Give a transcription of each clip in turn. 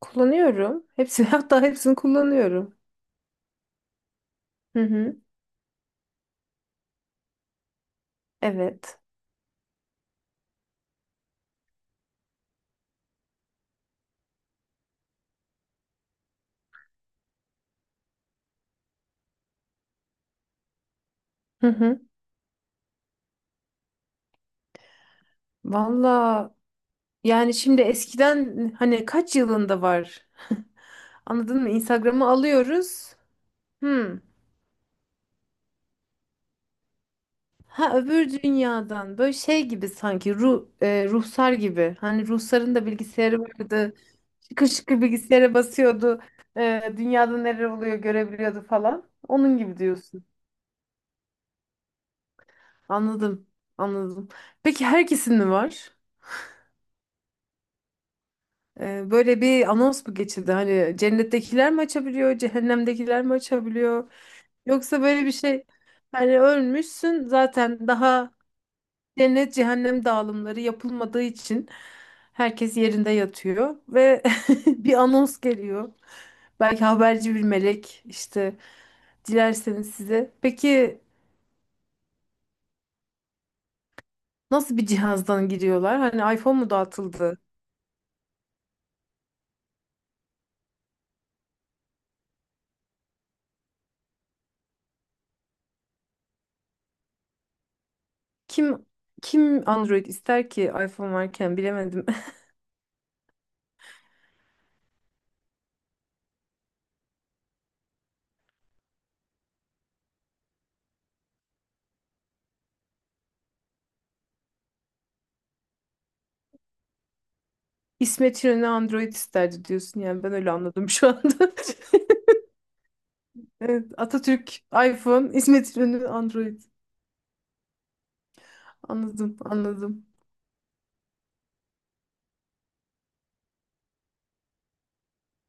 Kullanıyorum. Hepsini hatta hepsini kullanıyorum. Hı hı. Evet. Hı hı. Valla, yani şimdi eskiden hani kaç yılında var? Anladın mı? Instagram'ı alıyoruz. Hı. Ha, öbür dünyadan böyle şey gibi, sanki ruh, ruhsar gibi. Hani ruhsarın da bilgisayarı vardı. Şıkır şıkır bilgisayara basıyordu. Dünyada neler oluyor görebiliyordu falan. Onun gibi diyorsun. Anladım. Anladım. Peki herkesin mi var? Böyle bir anons mu geçildi? Hani cennettekiler mi açabiliyor, cehennemdekiler mi açabiliyor? Yoksa böyle bir şey, hani ölmüşsün zaten daha, cennet cehennem dağılımları yapılmadığı için herkes yerinde yatıyor ve bir anons geliyor. Belki haberci bir melek işte, dilerseniz size. Peki nasıl bir cihazdan giriyorlar? Hani iPhone mu dağıtıldı? Kim kim Android ister ki iPhone varken, bilemedim. İsmet İnönü Android isterdi diyorsun yani, ben öyle anladım şu anda. Evet, Atatürk iPhone, İsmet İnönü Android. Anladım, anladım.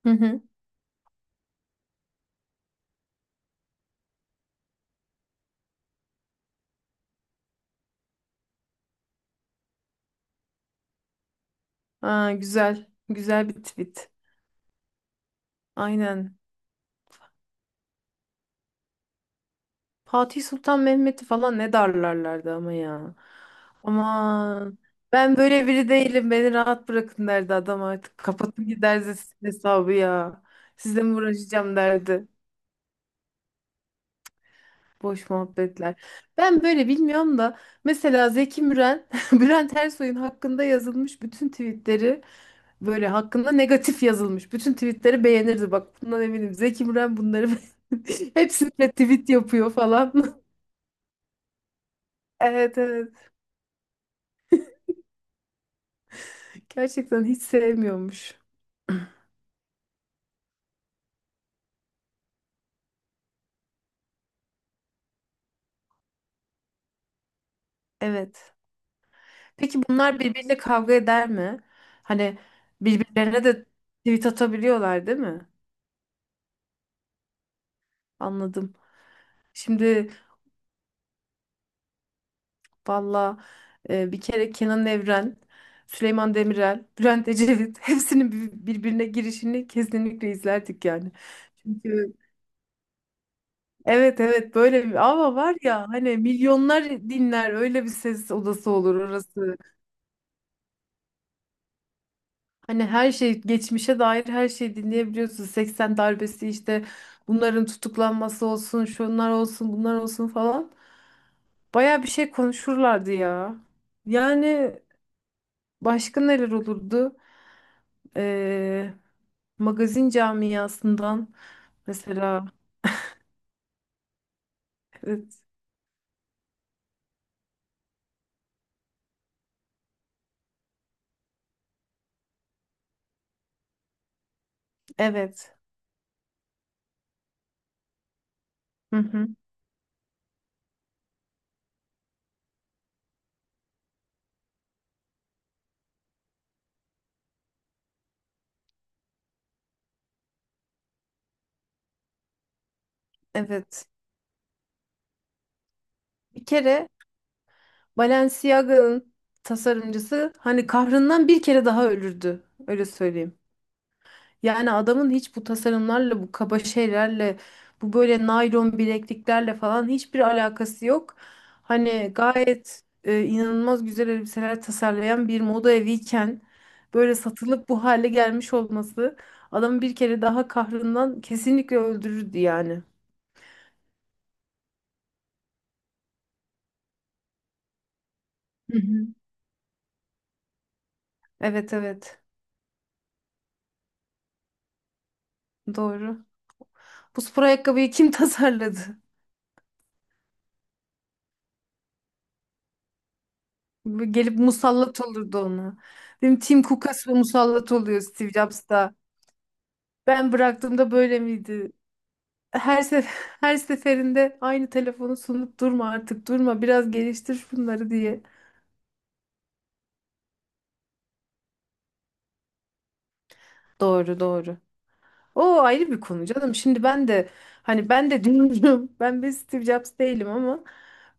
Hı hı. Aa, güzel, güzel bir tweet. Aynen. Fatih Sultan Mehmet'i falan ne darlarlardı ama ya. Aman. Ben böyle biri değilim, beni rahat bırakın derdi adam artık. Kapatın, gider sizin hesabı ya. Sizle mi uğraşacağım derdi. Boş muhabbetler. Ben böyle bilmiyorum da, mesela Zeki Müren, Bülent Ersoy'un hakkında yazılmış bütün tweetleri, böyle hakkında negatif yazılmış bütün tweetleri beğenirdi. Bak, bundan eminim. Zeki Müren bunları hepsine tweet yapıyor falan. Evet, evet. Gerçekten hiç sevmiyormuş. Evet. Peki bunlar birbiriyle kavga eder mi? Hani birbirlerine de tweet atabiliyorlar, değil mi? Anladım. Şimdi valla, bir kere Kenan Evren, Süleyman Demirel, Bülent Ecevit hepsinin birbirine girişini kesinlikle izlerdik yani. Çünkü evet evet, böyle bir ama var ya hani, milyonlar dinler, öyle bir ses odası olur orası. Hani her şey, geçmişe dair her şeyi dinleyebiliyorsun. 80 darbesi işte, bunların tutuklanması olsun, şunlar olsun, bunlar olsun falan. Baya bir şey konuşurlardı ya. Yani başka neler olurdu? Ee, Magazin camiasından mesela, evet. Evet. Hı hı, evet. Bir kere Balenciaga'nın tasarımcısı hani kahrından bir kere daha ölürdü. Öyle söyleyeyim. Yani adamın hiç bu tasarımlarla, bu kaba şeylerle, bu böyle naylon bilekliklerle falan hiçbir alakası yok. Hani gayet inanılmaz güzel elbiseler tasarlayan bir moda eviyken böyle satılıp bu hale gelmiş olması, adamı bir kere daha kahrından kesinlikle öldürürdü yani. Hı hı. Evet evet, doğru. Bu spor ayakkabıyı kim tasarladı? Bu gelip musallat olurdu ona. Benim Tim Cook'a musallat oluyor Steve Jobs'ta. Ben bıraktığımda böyle miydi? Her sef her seferinde aynı telefonu sunup durma artık, durma, biraz geliştir bunları diye. Doğru, doğru. O ayrı bir konu canım. Şimdi ben de, hani ben de diyorum, ben bir Steve Jobs değilim ama,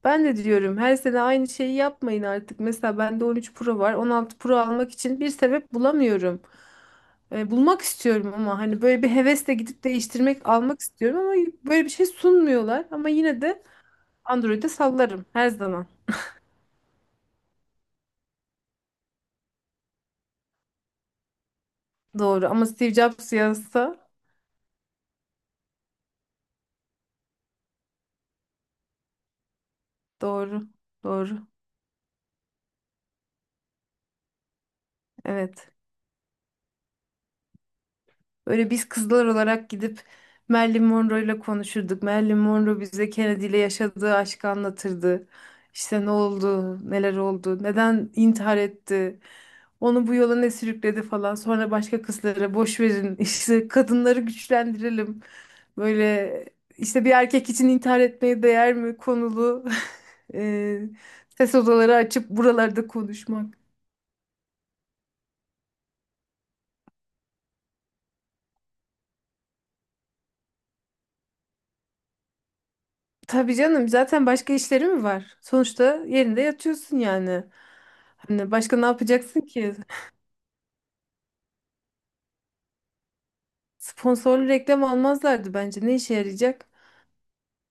ben de diyorum her sene aynı şeyi yapmayın artık. Mesela bende 13 Pro var. 16 Pro almak için bir sebep bulamıyorum. Bulmak istiyorum ama hani böyle bir hevesle gidip değiştirmek, almak istiyorum ama böyle bir şey sunmuyorlar. Ama yine de Android'e sallarım her zaman. Doğru, ama Steve Jobs yazsa, doğru. Doğru. Evet. Böyle biz kızlar olarak gidip Marilyn Monroe'yla konuşurduk. Marilyn Monroe bize Kennedy ile yaşadığı aşkı anlatırdı. İşte ne oldu, neler oldu, neden intihar etti, onu bu yola ne sürükledi falan. Sonra başka kızlara, boş verin, işte kadınları güçlendirelim. Böyle işte bir erkek için intihar etmeye değer mi konulu e, ses odaları açıp buralarda konuşmak. Tabii canım, zaten başka işleri mi var? Sonuçta yerinde yatıyorsun yani. Hani başka ne yapacaksın ki? Sponsorlu reklam almazlardı bence. Ne işe yarayacak?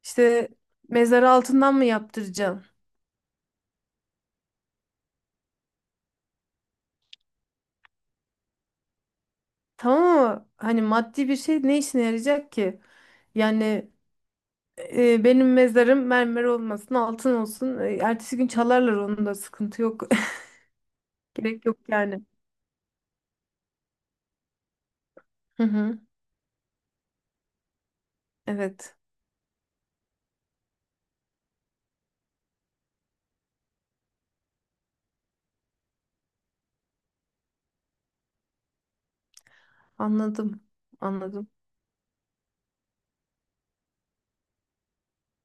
İşte mezarı altından mı yaptıracaksın? Tamam ama hani maddi bir şey ne işine yarayacak ki? Yani benim mezarım mermer olmasın, altın olsun. E, ertesi gün çalarlar, onun da sıkıntı yok. Gerek yok yani. Hı hı. Evet. Anladım. Anladım.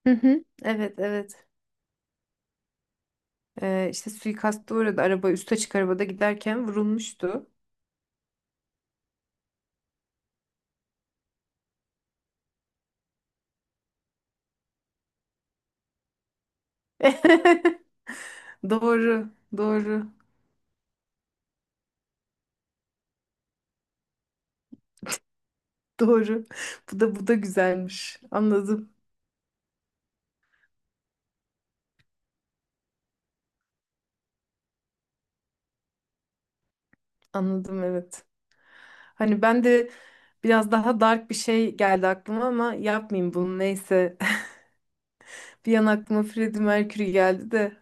Hı hı. Evet, evet. İşte suikasta uğradı. Araba, üst açık arabada giderken vurulmuştu. Doğru, doğru, doğru. Bu da bu da güzelmiş. Anladım, anladım, evet. Hani ben de biraz daha dark bir şey geldi aklıma ama yapmayayım bunu, neyse. Bir an aklıma Freddie Mercury geldi de,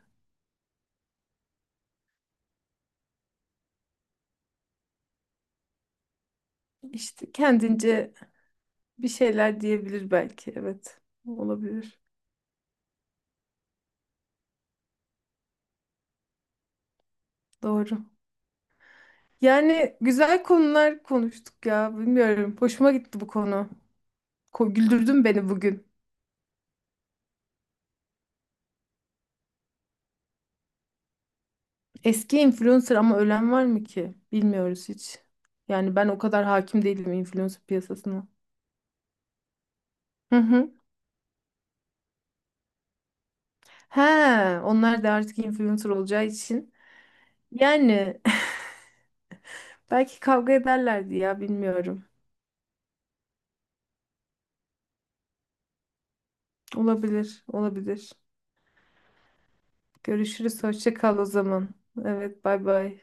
işte kendince bir şeyler diyebilir belki. Evet, olabilir. Doğru. Yani güzel konular konuştuk ya. Bilmiyorum. Hoşuma gitti bu konu. Ko, güldürdün beni bugün. Eski influencer ama ölen var mı ki? Bilmiyoruz hiç. Yani ben o kadar hakim değilim influencer piyasasına. Hı hı. He, onlar da artık influencer olacağı için. Yani belki kavga ederlerdi ya, bilmiyorum. Olabilir, olabilir. Görüşürüz. Hoşça kal o zaman. Evet, bay bay.